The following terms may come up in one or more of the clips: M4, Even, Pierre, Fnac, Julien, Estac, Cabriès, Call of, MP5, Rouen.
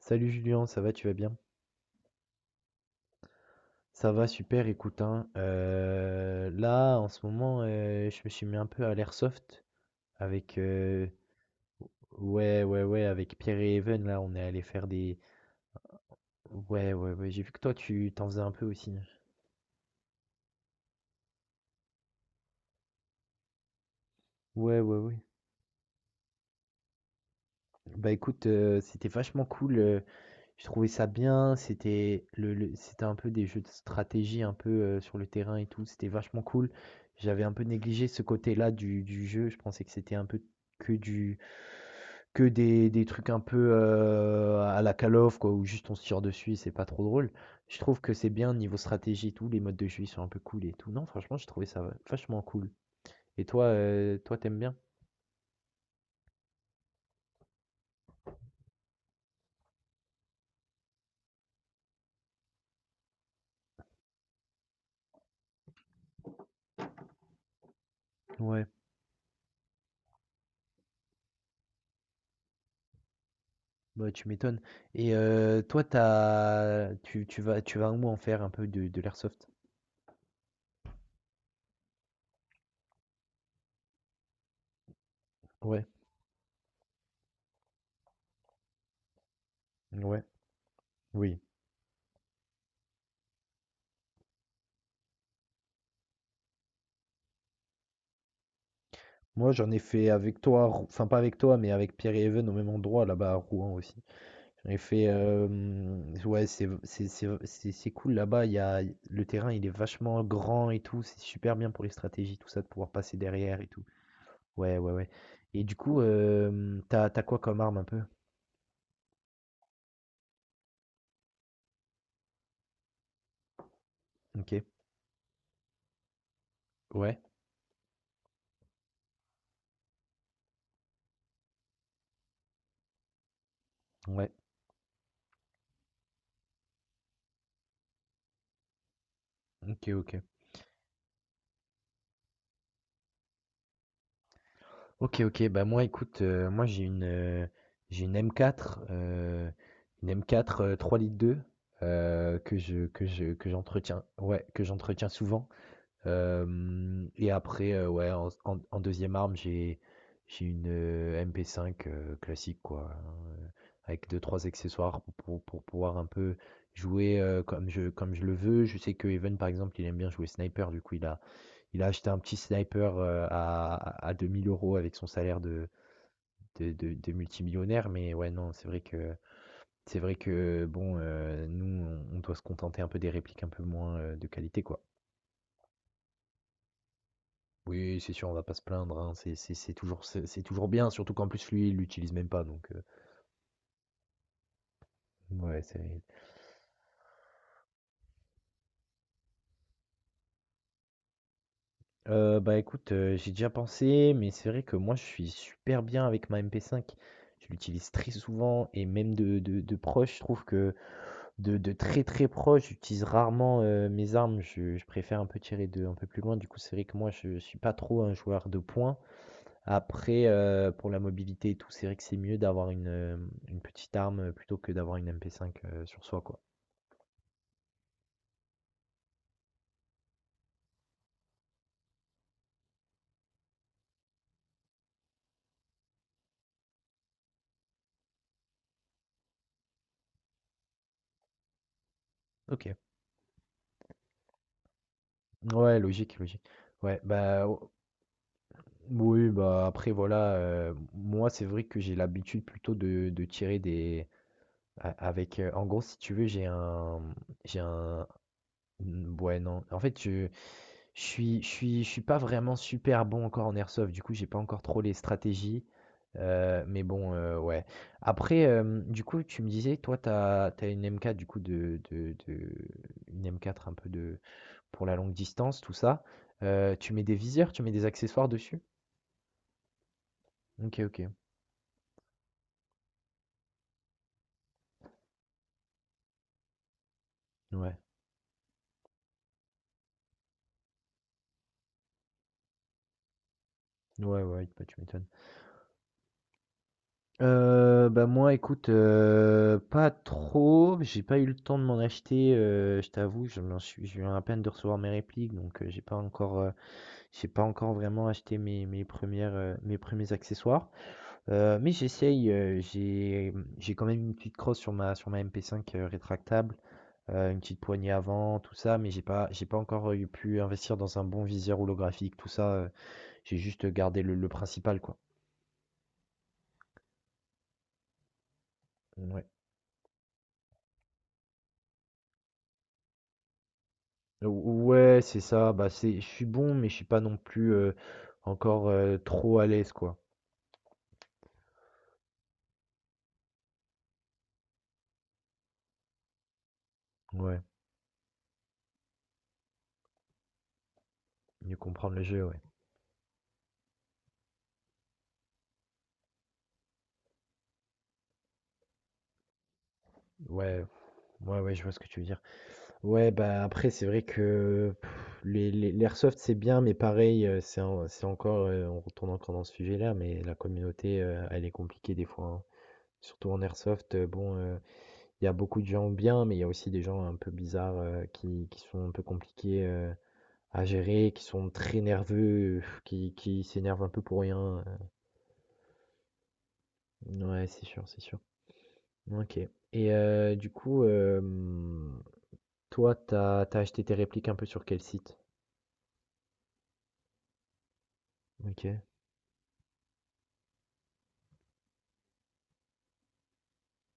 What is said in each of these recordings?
Salut Julien, ça va, tu vas bien? Ça va, super, écoute, hein, là, en ce moment, je me suis mis un peu à l'airsoft avec, ouais, ouais, ouais, avec Pierre et Even, là, on est allé faire des, ouais, ouais, ouais, j'ai vu que toi, tu t'en faisais un peu aussi. Ouais, ouais, ouais. Bah écoute, c'était vachement cool, je trouvais ça bien, c'était c'était un peu des jeux de stratégie, un peu sur le terrain et tout, c'était vachement cool. J'avais un peu négligé ce côté-là du jeu, je pensais que c'était un peu que du Que des trucs un peu, à la Call of quoi, où juste on se tire dessus et c'est pas trop drôle. Je trouve que c'est bien niveau stratégie et tout, les modes de jeu, ils sont un peu cool et tout. Non, franchement, j'ai trouvé ça vachement cool. Et toi, toi, t'aimes bien? Ouais, bah, tu m'étonnes. Et toi, t'as tu tu vas où en faire un peu de l'airsoft? Ouais, ouais, oui. Moi, j'en ai fait avec toi à Rou enfin pas avec toi, mais avec Pierre et Even au même endroit là-bas à Rouen aussi. J'avais fait, ouais, c'est cool là-bas, il y a le terrain, il est vachement grand et tout, c'est super bien pour les stratégies, tout ça, de pouvoir passer derrière et tout. Ouais, ouais, ouais et du coup, t'as as quoi comme arme un peu? OK. Ouais, ouais. OK, OK. OK, OK, bah, moi, écoute, moi, j'ai j'ai une M4, 3,2 litres, que je que je que j'entretiens ouais, que j'entretiens souvent. Et après, ouais, en s en en 2e arme, j'ai une, MP5, classique quoi, hein, heu, avec deux trois accessoires pour pouvoir un peu jouer, comme je le veux. Je sais que Evan par exemple, il aime bien jouer sniper, du coup, il a acheté un petit sniper, à 2 000 euros avec son salaire de multimillionnaire, mais ouais, non, c'est vrai que bon, nous, on doit se contenter un peu des répliques un peu moins, de qualité, quoi. Oui, c'est sûr, on va pas se plaindre, hein, c'est toujours bien, surtout qu'en plus lui, il l'utilise même pas donc ouais, c'est bah, écoute, j'y ai déjà pensé, mais c'est vrai que moi, je suis super bien avec ma MP5. Je l'utilise très souvent et même de proche, je trouve que de très, très proche, j'utilise rarement, mes armes. Je préfère un peu tirer de un peu plus loin. Du coup, c'est vrai que moi, je suis pas trop un joueur de points. Après, pour la mobilité et tout, c'est vrai que c'est mieux d'avoir une, une petite arme, plutôt que d'avoir une MP5, sur soi, quoi. OK. Ouais, logique, logique. Ouais, bah, o oui, bah, après voilà, moi, c'est vrai que j'ai l'habitude plutôt de tirer des a avec, en gros, si tu veux, j'ai un, mmh, ouais, non. En fait, je suis pas vraiment super bon encore en airsoft, du coup, j'ai pas encore trop les stratégies, mais bon, ouais. Après, du coup, tu me disais, toi, t'as une m une du coup de une M4 un peu de pour la longue distance, tout ça. Tu mets des viseurs, tu mets des accessoires dessus? OK, OK. Ouais. Ouais, ouais, bah, tu m'étonnes. Bah, moi, écoute, pas trop, j'ai pas eu le temps de m'en acheter, je t'avoue, je m'en suis je viens à peine de recevoir mes répliques, donc j'ai pas encore, j'ai pas encore vraiment acheté mes premiers accessoires, mais j'essaye, j'ai quand même une petite crosse sur ma MP5, rétractable, une petite poignée avant, tout ça, mais j'ai pas encore, eu pu investir dans un bon viseur holographique, tout ça, j'ai juste gardé le principal, quoi. Ouais, Ou ouais, c'est ça, bah, c'est je suis bon, mais je suis pas non plus, encore, trop à l'aise, quoi. Ouais, mieux comprendre le jeu, ouais. Ouais, ouais, ouais, je vois ce que tu veux dire. Ouais, bah, après, c'est vrai que pff, les l'airsoft, c'est bien, mais pareil, c'est encore, on retourne encore dans ce sujet-là, mais la communauté, elle est compliquée des fois, hein. Surtout en airsoft, bon, il y a beaucoup de gens bien, mais il y a aussi des gens un peu bizarres, qui sont un peu compliqués, à gérer, qui sont très nerveux, pff, qui s'énervent un peu pour rien, ouais, c'est sûr, c'est sûr. OK et du coup, toi, t'as acheté tes répliques un peu sur quel site? OK,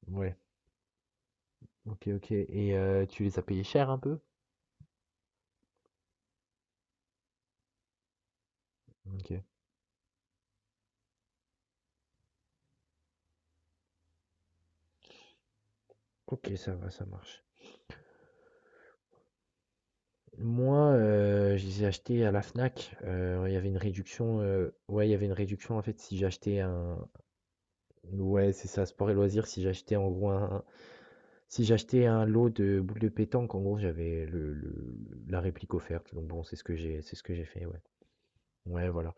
ouais. OK, OK et tu les as payés cher un peu? OK. OK, ça va, ça marche. Moi, je les ai achetés à la Fnac, il y avait une réduction, ouais, il y avait une réduction en fait si j'achetais un ouais, c'est ça, sport et loisirs, si j'achetais en gros un si j'achetais un lot de boules de pétanque, en gros, j'avais le la réplique offerte, donc bon, c'est ce que j'ai fait, ouais. Ouais, voilà.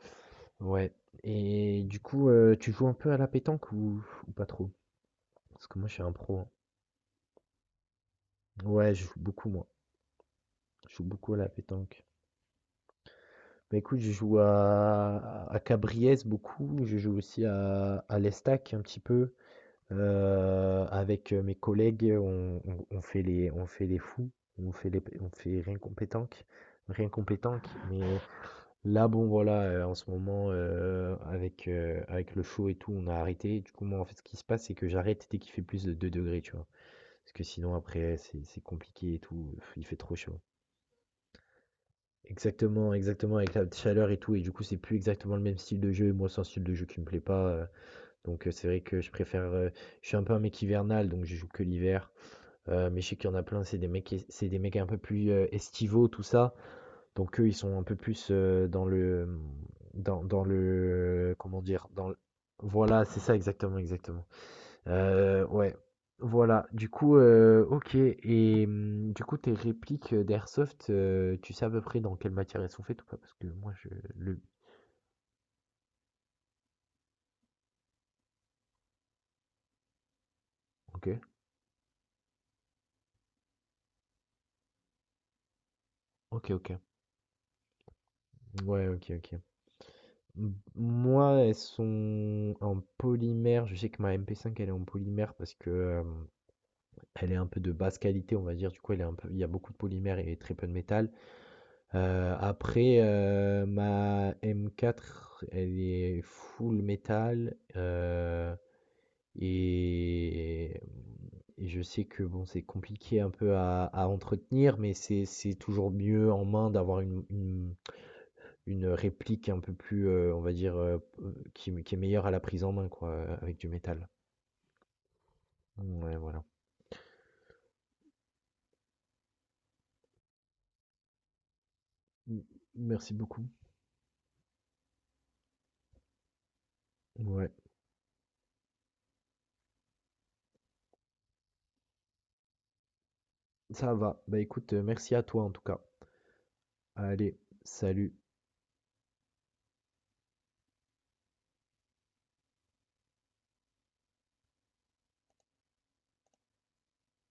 Ouais et du coup, tu joues un peu à la pétanque ou pas trop? Parce que moi, je suis un pro, hein. Ouais, je joue beaucoup moi, je joue beaucoup à la pétanque. Bah, écoute, je joue à Cabriès beaucoup, je joue aussi à l'Estac un petit peu. Avec, mes collègues, on fait les fous, on fait rien qu'au pétanque rien qu'au pétanque, mais là, bon, voilà, en ce moment, avec le chaud et tout, on a arrêté. Du coup, moi, en fait, ce qui se passe, c'est que j'arrête dès qu'il fait plus de 2 degrés, tu vois? Parce que sinon après, c'est compliqué et tout, il fait trop chaud. Exactement, exactement, avec la chaleur et tout, et du coup, c'est plus exactement le même style de jeu, et moi, c'est un style de jeu qui me plaît pas, donc c'est vrai que je préfère, je suis un peu un mec hivernal, donc je joue que l'hiver, mais je sais qu'il y en a plein, c'est des mecs un peu plus, estivaux, tout ça, donc eux, ils sont un peu plus, dans le comment dire? Dans l Voilà, c'est ça, exactement, exactement. Ouais, voilà. Du coup, OK et du coup, tes répliques, d'airsoft, tu sais à peu près dans quelle matière elles sont faites ou pas? Parce que moi je le OK. OK, OK. Ouais, OK, OK. M Moi, elles sont en polymère. Je sais que ma MP5 elle est en polymère parce que, elle est un peu de basse qualité, on va dire. Du coup, elle est un peu il y a beaucoup de polymère et très peu de métal. Après, ma M4 elle est full métal. Et et je sais que bon, c'est compliqué un peu à entretenir, mais c'est toujours mieux en main d'avoir une réplique un peu plus, on va dire, qui est meilleure à la prise en main quoi, avec du métal. Ouais, voilà. Mmh, merci beaucoup. Ouais, ça va. Bah, écoute, merci à toi en tout cas. Allez, salut.